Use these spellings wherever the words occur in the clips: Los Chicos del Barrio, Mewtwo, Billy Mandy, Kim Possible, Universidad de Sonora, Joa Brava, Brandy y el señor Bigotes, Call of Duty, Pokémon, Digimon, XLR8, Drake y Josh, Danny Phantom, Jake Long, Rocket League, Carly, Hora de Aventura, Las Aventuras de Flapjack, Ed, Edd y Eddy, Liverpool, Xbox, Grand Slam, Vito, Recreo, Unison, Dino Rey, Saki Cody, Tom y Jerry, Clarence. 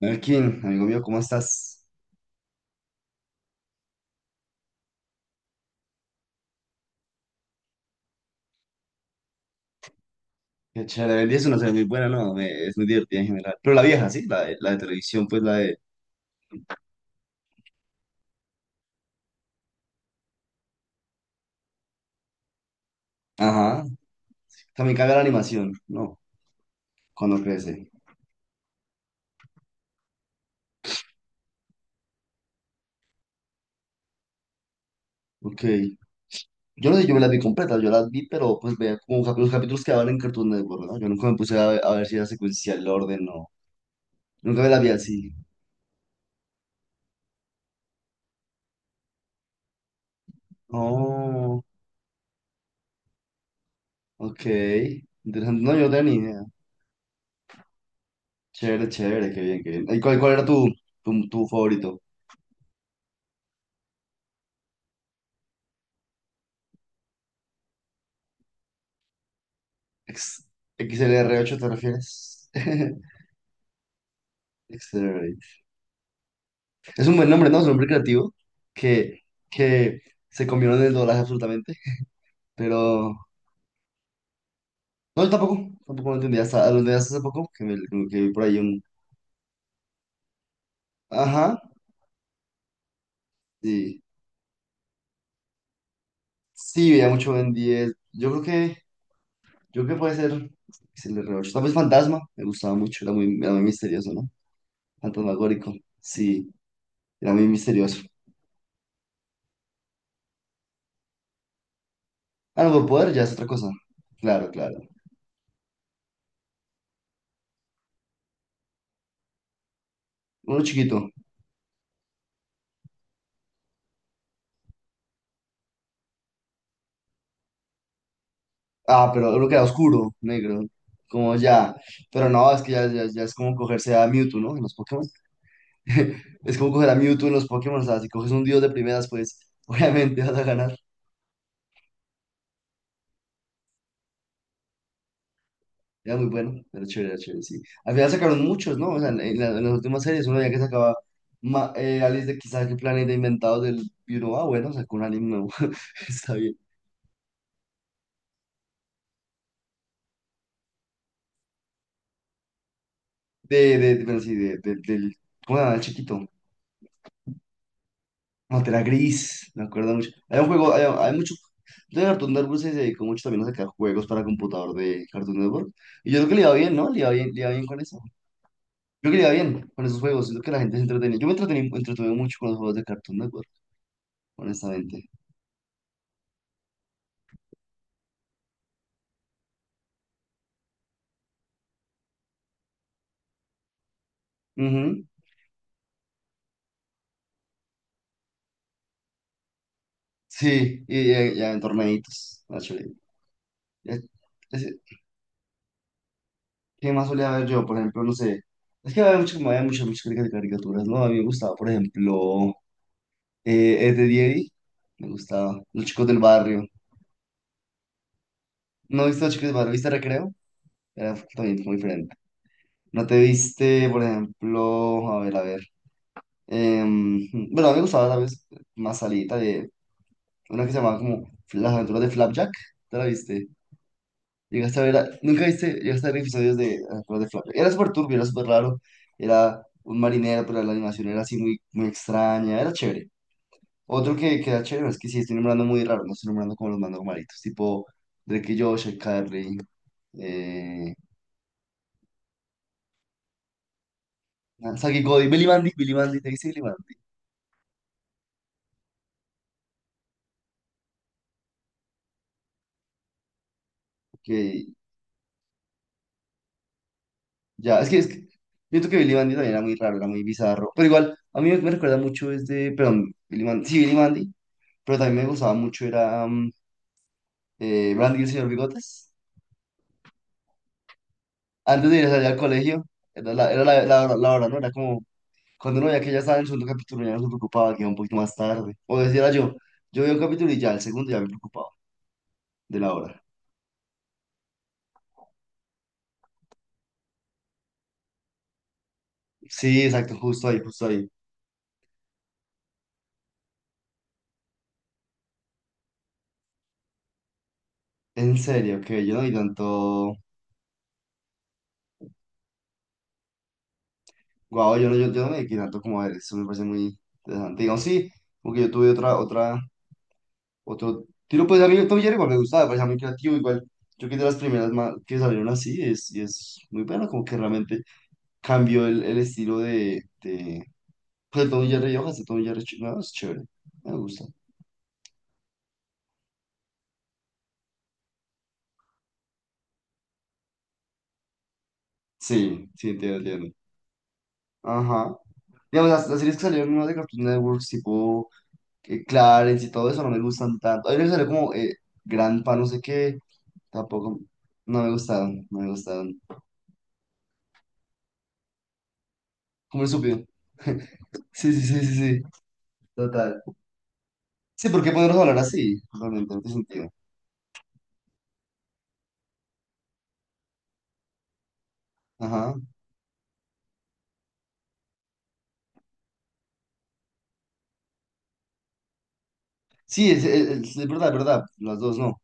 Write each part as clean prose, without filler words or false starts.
Melkin, amigo mío, ¿cómo estás? Qué chévere, el 10 es una serie muy buena, ¿no? Es muy divertida en general. Pero la vieja, ¿sí? La de televisión, pues la de... Ajá. También caga la animación, ¿no? Cuando crece. Ok. Yo no sé, yo me las vi completas, yo las vi, pero pues veía como capítulos, capítulos que daban en Cartoon Network, ¿no? Yo nunca me puse a ver si era secuencial el orden, no. Nunca me las vi así. Oh, ok. Interesante. No, yo no tenía ni idea. Chévere, chévere, qué bien, qué bien. ¿Y cuál era tu favorito? Ex- XLR8 te refieres. xlr Es un buen nombre, ¿no? Es un nombre creativo que, que se combinó en el doblaje absolutamente. Pero no, yo tampoco lo entendí lo entendí hasta hace poco, que vi por ahí un... Ajá, sí. Sí, veía mucho Ben 10. Yo creo que puede ser XLR8. Tal vez Fantasma, me gustaba mucho, era muy misterioso, ¿no? Fantasmagórico, sí, era muy misterioso. Ah, no, por poder ya es otra cosa. Claro, claro. Uno chiquito. Ah, pero lo que era oscuro, negro. Como ya. Pero no, es que ya es como cogerse a Mewtwo, ¿no? En los Pokémon. Es como coger a Mewtwo en los Pokémon. O sea, si coges un dios de primeras, pues obviamente vas a ganar. Era muy bueno. Era chévere, sí. Al final sacaron muchos, ¿no? O sea, en las últimas series, uno ya que sacaba Alice de quizás qué planeta inventado del. Y uno, ah, bueno, sacó un alien nuevo. Está bien. De- pero sí, de- del. ¿Cómo se el chiquito? No, gris, me acuerdo mucho. Hay un juego, hay mucho. De Cartoon Network se dedicó mucho también a sacar juegos para computador de Cartoon Network. Y yo creo que le iba bien, ¿no? Le iba bien con eso. Yo creo que le iba bien con esos juegos. Siento que la gente se entretenía. Yo me entretuve mucho con los juegos de Cartoon Network, honestamente. Ujú. Sí, y ya en torneitos más chévere. Ya- ese- ¿Qué más solía ver yo? Por ejemplo, no sé. Es que había mucho, había muchas, muchas caricaturas, ¿no? A mí me gustaba, por ejemplo, Ed, Edd y Eddy. Me gustaba. Los chicos del barrio. ¿No viste Los Chicos del Barrio? ¿Viste Recreo? Era también muy diferente. ¿No te viste, por ejemplo, a ver, a ver? Bueno, a mí me gustaba tal vez más salida de una que se llamaba como Las Aventuras de Flapjack. ¿Te la viste? Llegaste a ver, nunca viste, llegaste a ver episodios de Las Aventuras de Flapjack. Era súper turbio, era súper raro. Era un marinero, pero la animación era así muy, muy extraña. Era chévere. Otro que era chévere es que sí, estoy nombrando muy raro, no estoy nombrando como los más normalitos, tipo Drake y Josh, el Carly. eh, Saki Cody, Billy Mandy, Billy Mandy, te dice Billy Mandy. Ok, ya, es que siento que Billy Mandy también era muy raro, era muy bizarro. Pero igual, a mí me recuerda mucho este, perdón, Billy Mandy, sí, Billy Mandy, pero también me gustaba mucho era Brandy y el señor Bigotes. Antes de ir a salir al colegio, era la, la hora, ¿no? Era como cuando uno veía que ya estaba en el segundo capítulo, ya no se preocupaba, que iba un poquito más tarde. O decía yo, yo veía un capítulo y ya, el segundo ya me preocupaba de la hora. Sí, exacto, justo ahí, justo ahí. En serio, que yo no vi tanto. Guau, yo no, yo no me dediqué tanto como a ver, eso me parece muy interesante. Digamos, sí, porque yo tuve otro tiro, pues a mí Tom y Jerry igual me gustaba, me parecía muy creativo, igual. Yo que de las primeras que salieron así, es, y es muy bueno, como que realmente cambió el estilo pues de Tom y Jerry y hojas de Tom y Jerry, no, es chévere, me gusta. Sí, sí, entiendo, entiendo. Ajá. Digamos, las series que salieron nuevas de Cartoon Network, tipo Clarence y todo eso, no me gustan tanto. Hay una que salió como Gran Pa, no sé qué. Tampoco. No me gustaron, no me gustaron. Como el subió. Sí, sí, sí, sí, sí. Total. Sí, ¿por qué ponerlos a hablar así? Realmente, no tiene sentido. Ajá. Sí, es, es verdad, es verdad. Las dos no.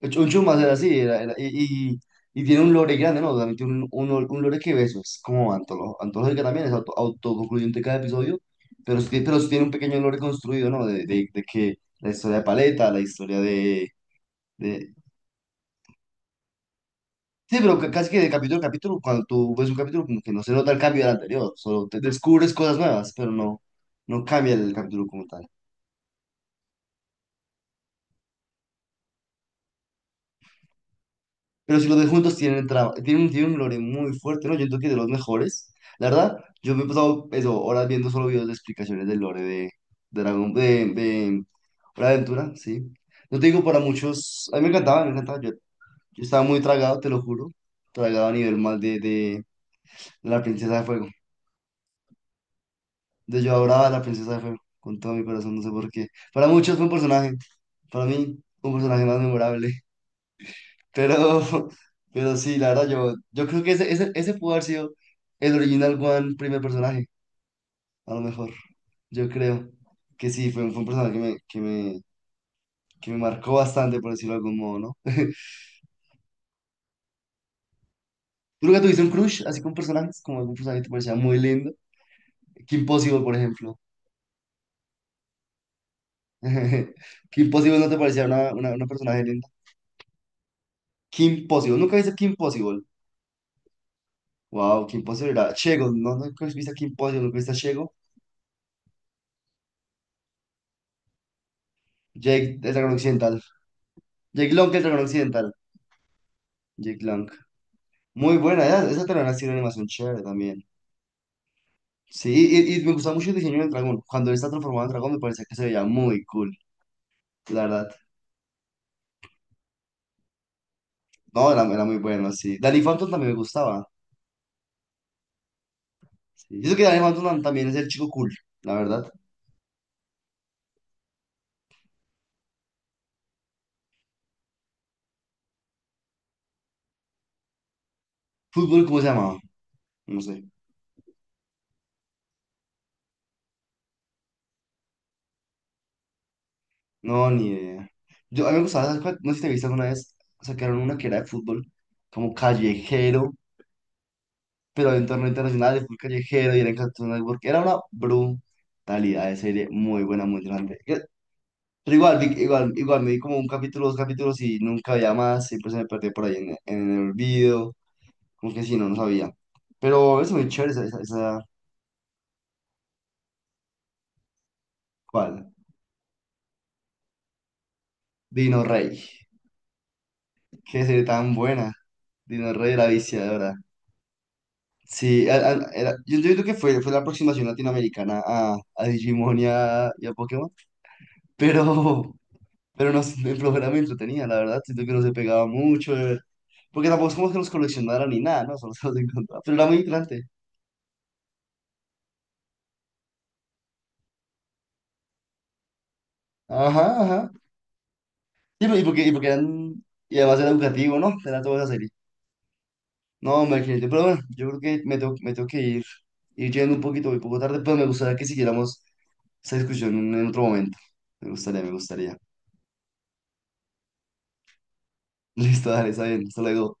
Un chumas era así, y tiene un lore grande, ¿no? También tiene un lore que beso. Es como antológica también, es autoconcluyente cada episodio. Pero sí tiene un pequeño lore construido, ¿no? De que la historia de Paleta, la historia de, Sí, pero casi que de capítulo a capítulo, cuando tú ves un capítulo, como que no se nota el cambio del anterior, solo te descubres cosas nuevas, pero no, no cambia el capítulo como tal. Pero si los de juntos tienen, tienen, tienen un lore muy fuerte, ¿no? Yo creo que de los mejores. La verdad, yo me he pasado eso, horas viendo solo videos de explicaciones del lore de Dragon, de Hora de Aventura, sí. No te digo para muchos, a mí me encantaba, yo estaba muy tragado, te lo juro, tragado a nivel mal de la princesa de fuego. De Joa Brava, la princesa fue con todo mi corazón, no sé por qué. Para muchos fue un personaje, para mí un personaje más memorable, pero, pero sí, la verdad yo, yo creo que ese pudo haber sido el original One primer personaje, a lo mejor, yo creo que sí, fue, fue un personaje que me marcó bastante, por decirlo de algún modo, ¿no? ¿Tú nunca tuviste un crush así con personajes, como algún personaje que te parecía muy lindo? Kim Possible, por ejemplo. ¿Kim Possible no te parecía una personaje linda? Kim Possible, ¿nunca viste Kim Possible? Wow, qué imposible era. Chego, no, no viste qué imposible, no viste a Chego. Jake, el dragón occidental. Jake Long, el dragón occidental. Jake Long. Muy buena, esa también tiene una animación chévere también. Sí, y me gustaba mucho el diseño del dragón. Cuando él está transformado en dragón, me parecía que se veía muy cool, la verdad. No, era, era muy bueno, sí. Danny Phantom también me gustaba. Sí. Yo que Danny Phantom también es el chico cool, la verdad. ¿Fútbol cómo se llamaba? No sé. No, ni idea. Yo, a mí me gustaba, ¿sabes cuál? No sé si te viste alguna vez, sacaron una que era de fútbol, como callejero pero de entorno internacional, de fútbol callejero y eran Cartoon Network. Era una brutalidad de serie, muy buena, muy grande. Pero igual, igual, me di como un capítulo, dos capítulos y nunca había más, siempre se me perdió por ahí en el olvido, como que sí, no, no sabía. Pero es muy chévere esa, ¿cuál? Dino Rey, qué serie tan buena, Dino Rey la viciadora. Sí, era, yo entiendo que fue, fue la aproximación latinoamericana a Digimon y a Pokémon, pero, Pero nos, el programa me entretenía, la verdad, siento que no se pegaba mucho, porque tampoco es como que nos coleccionara ni nada, ¿no? Solo se los encontraba, pero era muy interesante. Ajá, ajá. Y porque eran, y además era educativo, ¿no? Era toda esa serie. No, me imagínate, pero bueno, yo creo que me tengo que ir, ir yendo un poquito, un poco tarde, pero me gustaría que siguiéramos esa discusión en otro momento. Me gustaría, me gustaría. Listo, dale, está bien, hasta luego.